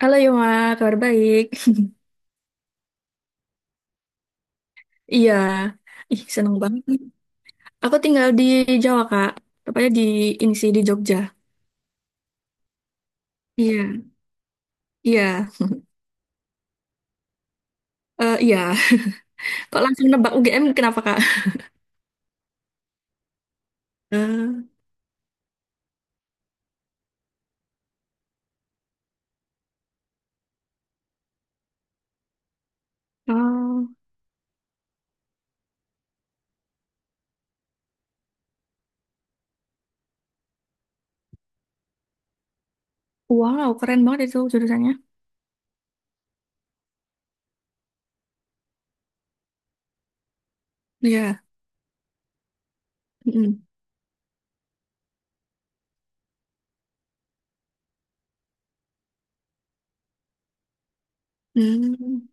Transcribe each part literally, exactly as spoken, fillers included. Halo Yoma, kabar baik. Iya, ih seneng banget nih. Aku tinggal di Jawa, Kak, tepatnya di ini sih di Jogja. Iya, iya, Eh, iya. Kok langsung nebak U G M kenapa, Kak? Eh, oh, wow, keren banget itu jurusannya. Iya, mm. Hmm.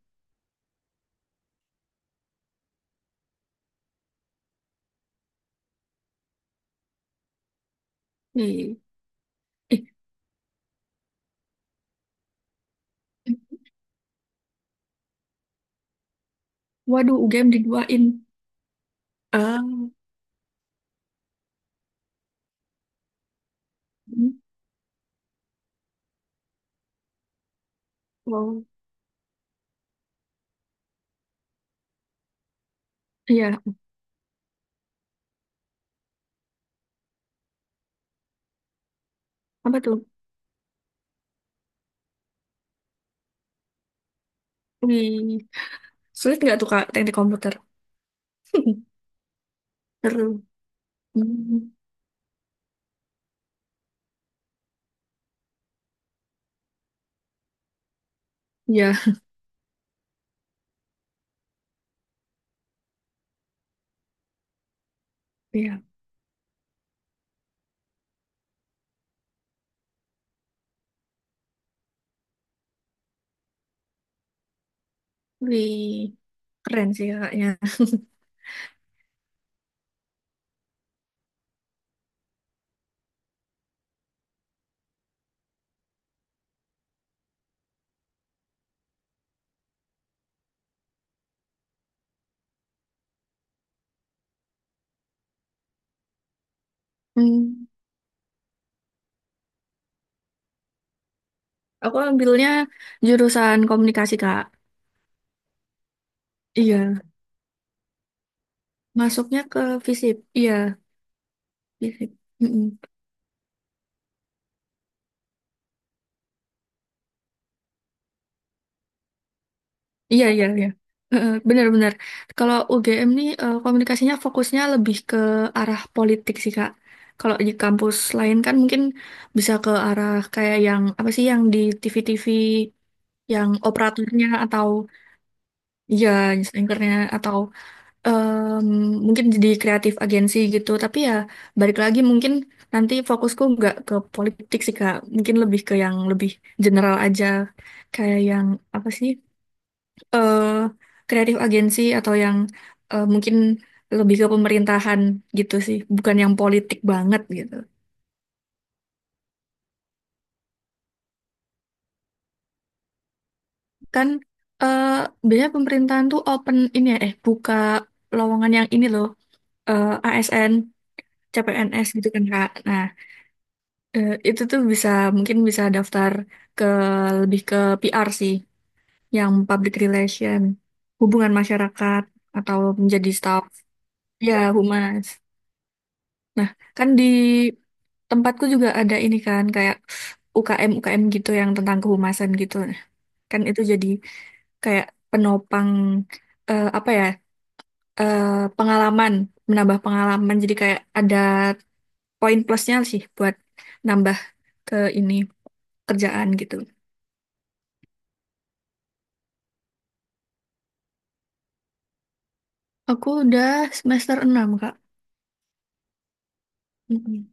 Ih. Ih, waduh, U G M diduain. Ah, mm, wow, iya. Apa tuh? Wih, sulit nggak tuh Kak teknik komputer? Seru. Hmm. Iya, iya. Wih. Keren sih kakaknya. Hmm. Aku ambilnya jurusan komunikasi, Kak. Iya. Masuknya ke FISIP. Iya, FISIP. Mm-mm. Iya, iya, iya. Heeh, benar-benar. Kalau U G M nih eh, komunikasinya fokusnya lebih ke arah politik sih, Kak. Kalau di kampus lain kan mungkin bisa ke arah kayak yang apa sih yang di T V-T V yang operatornya atau iya, news anchor-nya, atau Em, mungkin jadi kreatif agensi gitu, tapi ya balik lagi mungkin nanti fokusku nggak ke politik sih Kak, mungkin lebih ke yang lebih general aja, kayak yang apa sih eh kreatif agensi, atau yang eh, mungkin lebih ke pemerintahan gitu sih, bukan yang politik banget gitu. Kan eh biasanya pemerintahan tuh open ini ya eh buka lowongan yang ini loh, eh, A S N, C P N S gitu kan, Kak. Nah, Eh, itu tuh bisa, mungkin bisa daftar ke lebih ke P R sih, yang public relation, hubungan masyarakat, atau menjadi staff. Ya, humas. Nah, kan di tempatku juga ada ini kan kayak U K M U K M gitu yang tentang kehumasan gitu. Nah, kan itu jadi kayak penopang, eh, apa ya? eh, Pengalaman, menambah pengalaman. Jadi kayak ada poin plusnya sih buat nambah ke ini kerjaan gitu. Aku udah semester enam, Kak. Mm-mm.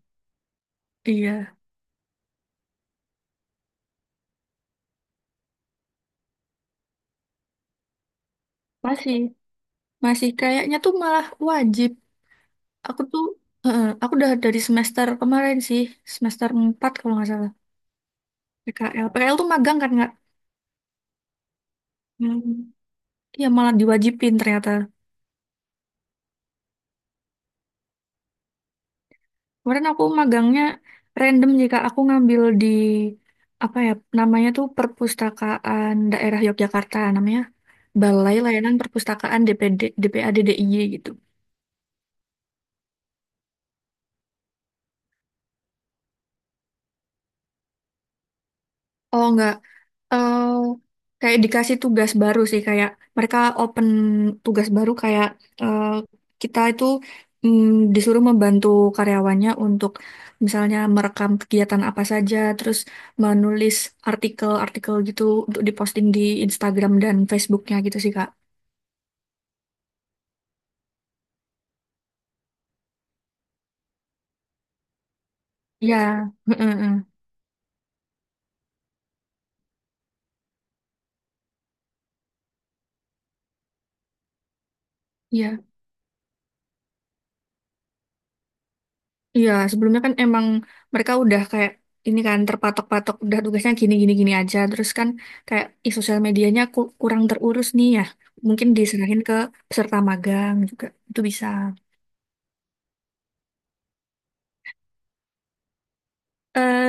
Iya, masih. Masih kayaknya tuh malah wajib. Aku tuh, eh, aku udah dari semester kemarin sih, semester empat kalau nggak salah. P K L. P K L tuh magang kan, nggak? Hmm. Iya, malah diwajibin ternyata. Kemarin aku magangnya random, jika aku ngambil di, apa ya, namanya tuh Perpustakaan Daerah Yogyakarta. Namanya Balai Layanan Perpustakaan D P D, DPADDIY gitu. Oh, nggak. eh Kayak dikasih tugas baru sih, kayak mereka open tugas baru kayak, eh, kita itu mm, disuruh membantu karyawannya untuk misalnya merekam kegiatan apa saja, terus menulis artikel-artikel gitu untuk diposting di Instagram dan Facebooknya gitu sih, Kak. Ya, heeh, heeh. Iya. Iya, sebelumnya kan emang mereka udah kayak ini kan terpatok-patok udah tugasnya gini-gini-gini aja. Terus kan kayak i- sosial medianya ku- kurang terurus nih ya. Mungkin diserahin ke peserta magang juga itu bisa. Eh,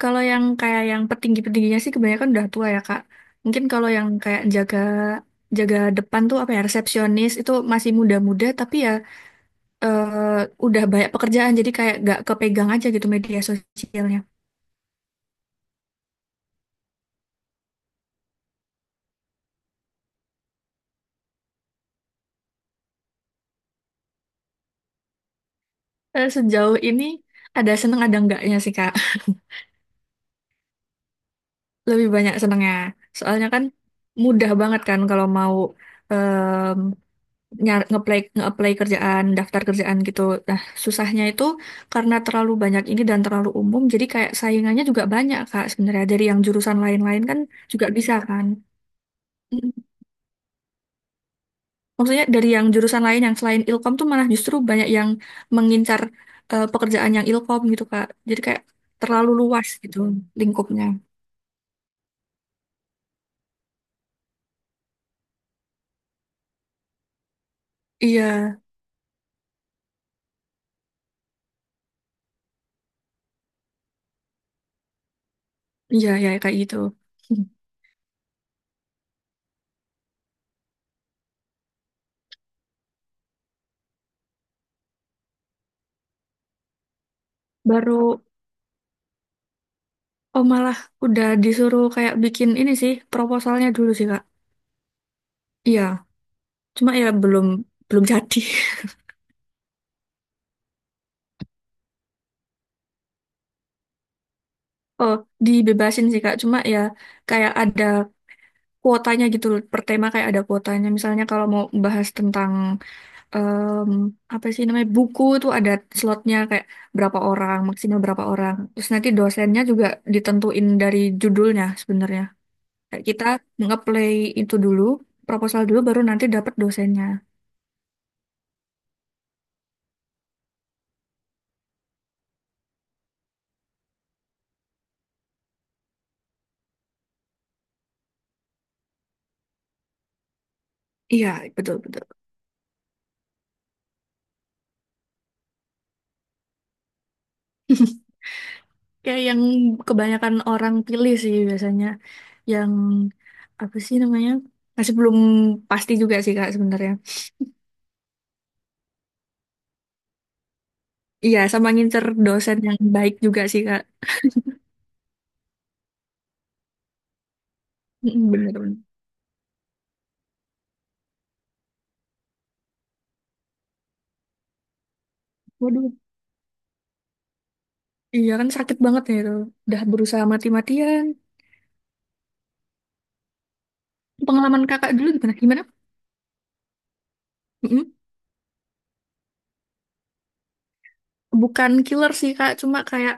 Kalau yang kayak yang petinggi-petingginya sih kebanyakan udah tua ya, Kak. Mungkin kalau yang kayak jaga jaga depan tuh apa ya resepsionis itu masih muda-muda, tapi ya eh, udah banyak pekerjaan jadi kayak gak kepegang aja gitu media sosialnya. Eh, Sejauh ini ada seneng ada enggaknya sih, Kak. Lebih banyak senengnya. Soalnya kan mudah banget kan kalau mau em nyar ngeplay ngeapply kerjaan, daftar kerjaan gitu. Nah, susahnya itu karena terlalu banyak ini dan terlalu umum, jadi kayak saingannya juga banyak Kak sebenarnya. Dari yang jurusan lain-lain kan juga bisa kan. Mm. Maksudnya dari yang jurusan lain yang selain Ilkom tuh malah justru banyak yang mengincar eh, pekerjaan yang Ilkom gitu, Kak. Jadi kayak terlalu luas gitu lingkupnya. Iya. Iya, ya kayak gitu. Hmm. Baru oh malah udah disuruh kayak bikin ini sih proposalnya dulu sih, Kak. Iya, cuma ya belum belum jadi. Oh, dibebasin sih, Kak. Cuma ya kayak ada kuotanya gitu loh. Per tema kayak ada kuotanya. Misalnya kalau mau bahas tentang em, apa sih namanya buku itu ada slotnya kayak berapa orang, maksimal berapa orang. Terus nanti dosennya juga ditentuin dari judulnya sebenarnya. Kayak kita nge-play itu dulu, proposal dulu baru nanti dapat dosennya. Iya, betul betul. Kayak yang kebanyakan orang pilih sih biasanya yang apa sih namanya? Masih belum pasti juga sih Kak sebenarnya. Iya, sama ngincer dosen yang baik juga sih, Kak. Mm, bener bener. Waduh, iya kan sakit banget ya itu. Udah berusaha mati-matian. Pengalaman Kakak dulu gimana? Gimana? Mm-mm. Bukan killer sih, Kak, cuma kayak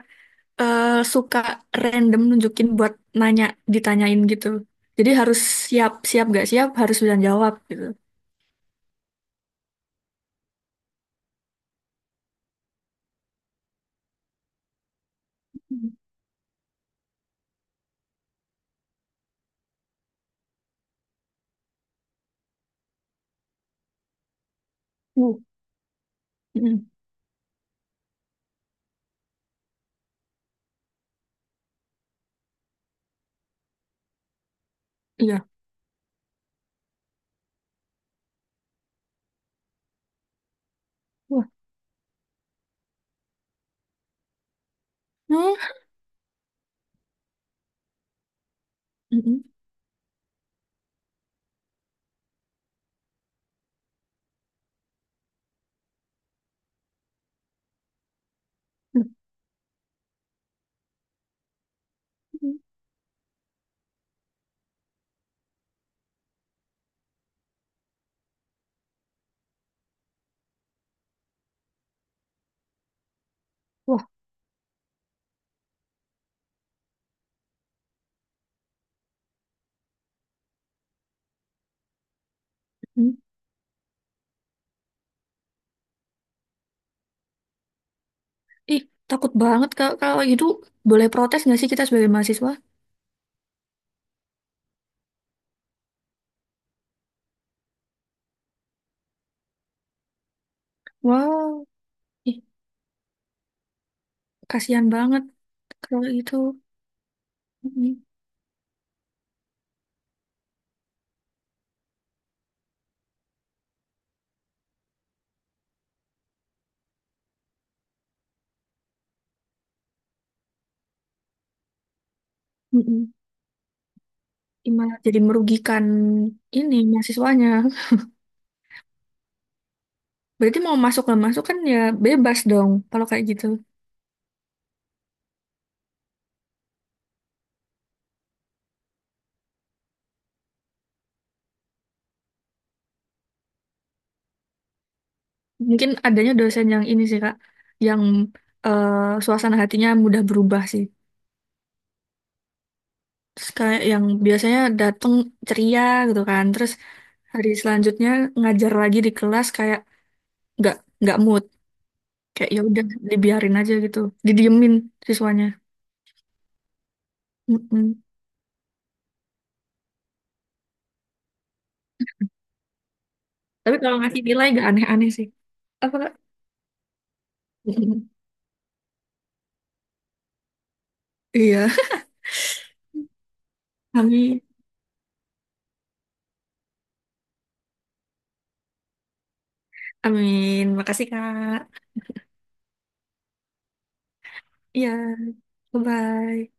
eh, suka random nunjukin buat nanya, ditanyain gitu. Jadi harus siap, siap gak siap harus bisa jawab gitu. Uh, mm, iya. Wah, hmm, mm, mm, mm, mm. Wah, mm. Ih, takut banget kalau kalau gitu boleh protes nggak sih kita sebagai mahasiswa? Wow, ih, kasihan banget kalau gitu. Mm, mm, mm. Ih, malah jadi merugikan ini mahasiswanya. Berarti mau masuk nggak masuk kan ya bebas dong kalau kayak gitu. Mungkin adanya dosen yang ini sih, Kak, yang eh, suasana hatinya mudah berubah sih. Terus kayak yang biasanya datang ceria gitu kan, terus hari selanjutnya ngajar lagi di kelas kayak nggak nggak mood, kayak ya udah dibiarin aja gitu, didiemin siswanya. Mm-mm. Tapi kalau ngasih nilai gak aneh-aneh sih. Apa, Kak? Mm-mm. Iya. Amin. Amin. Makasih, Kak. Iya. Bye-bye.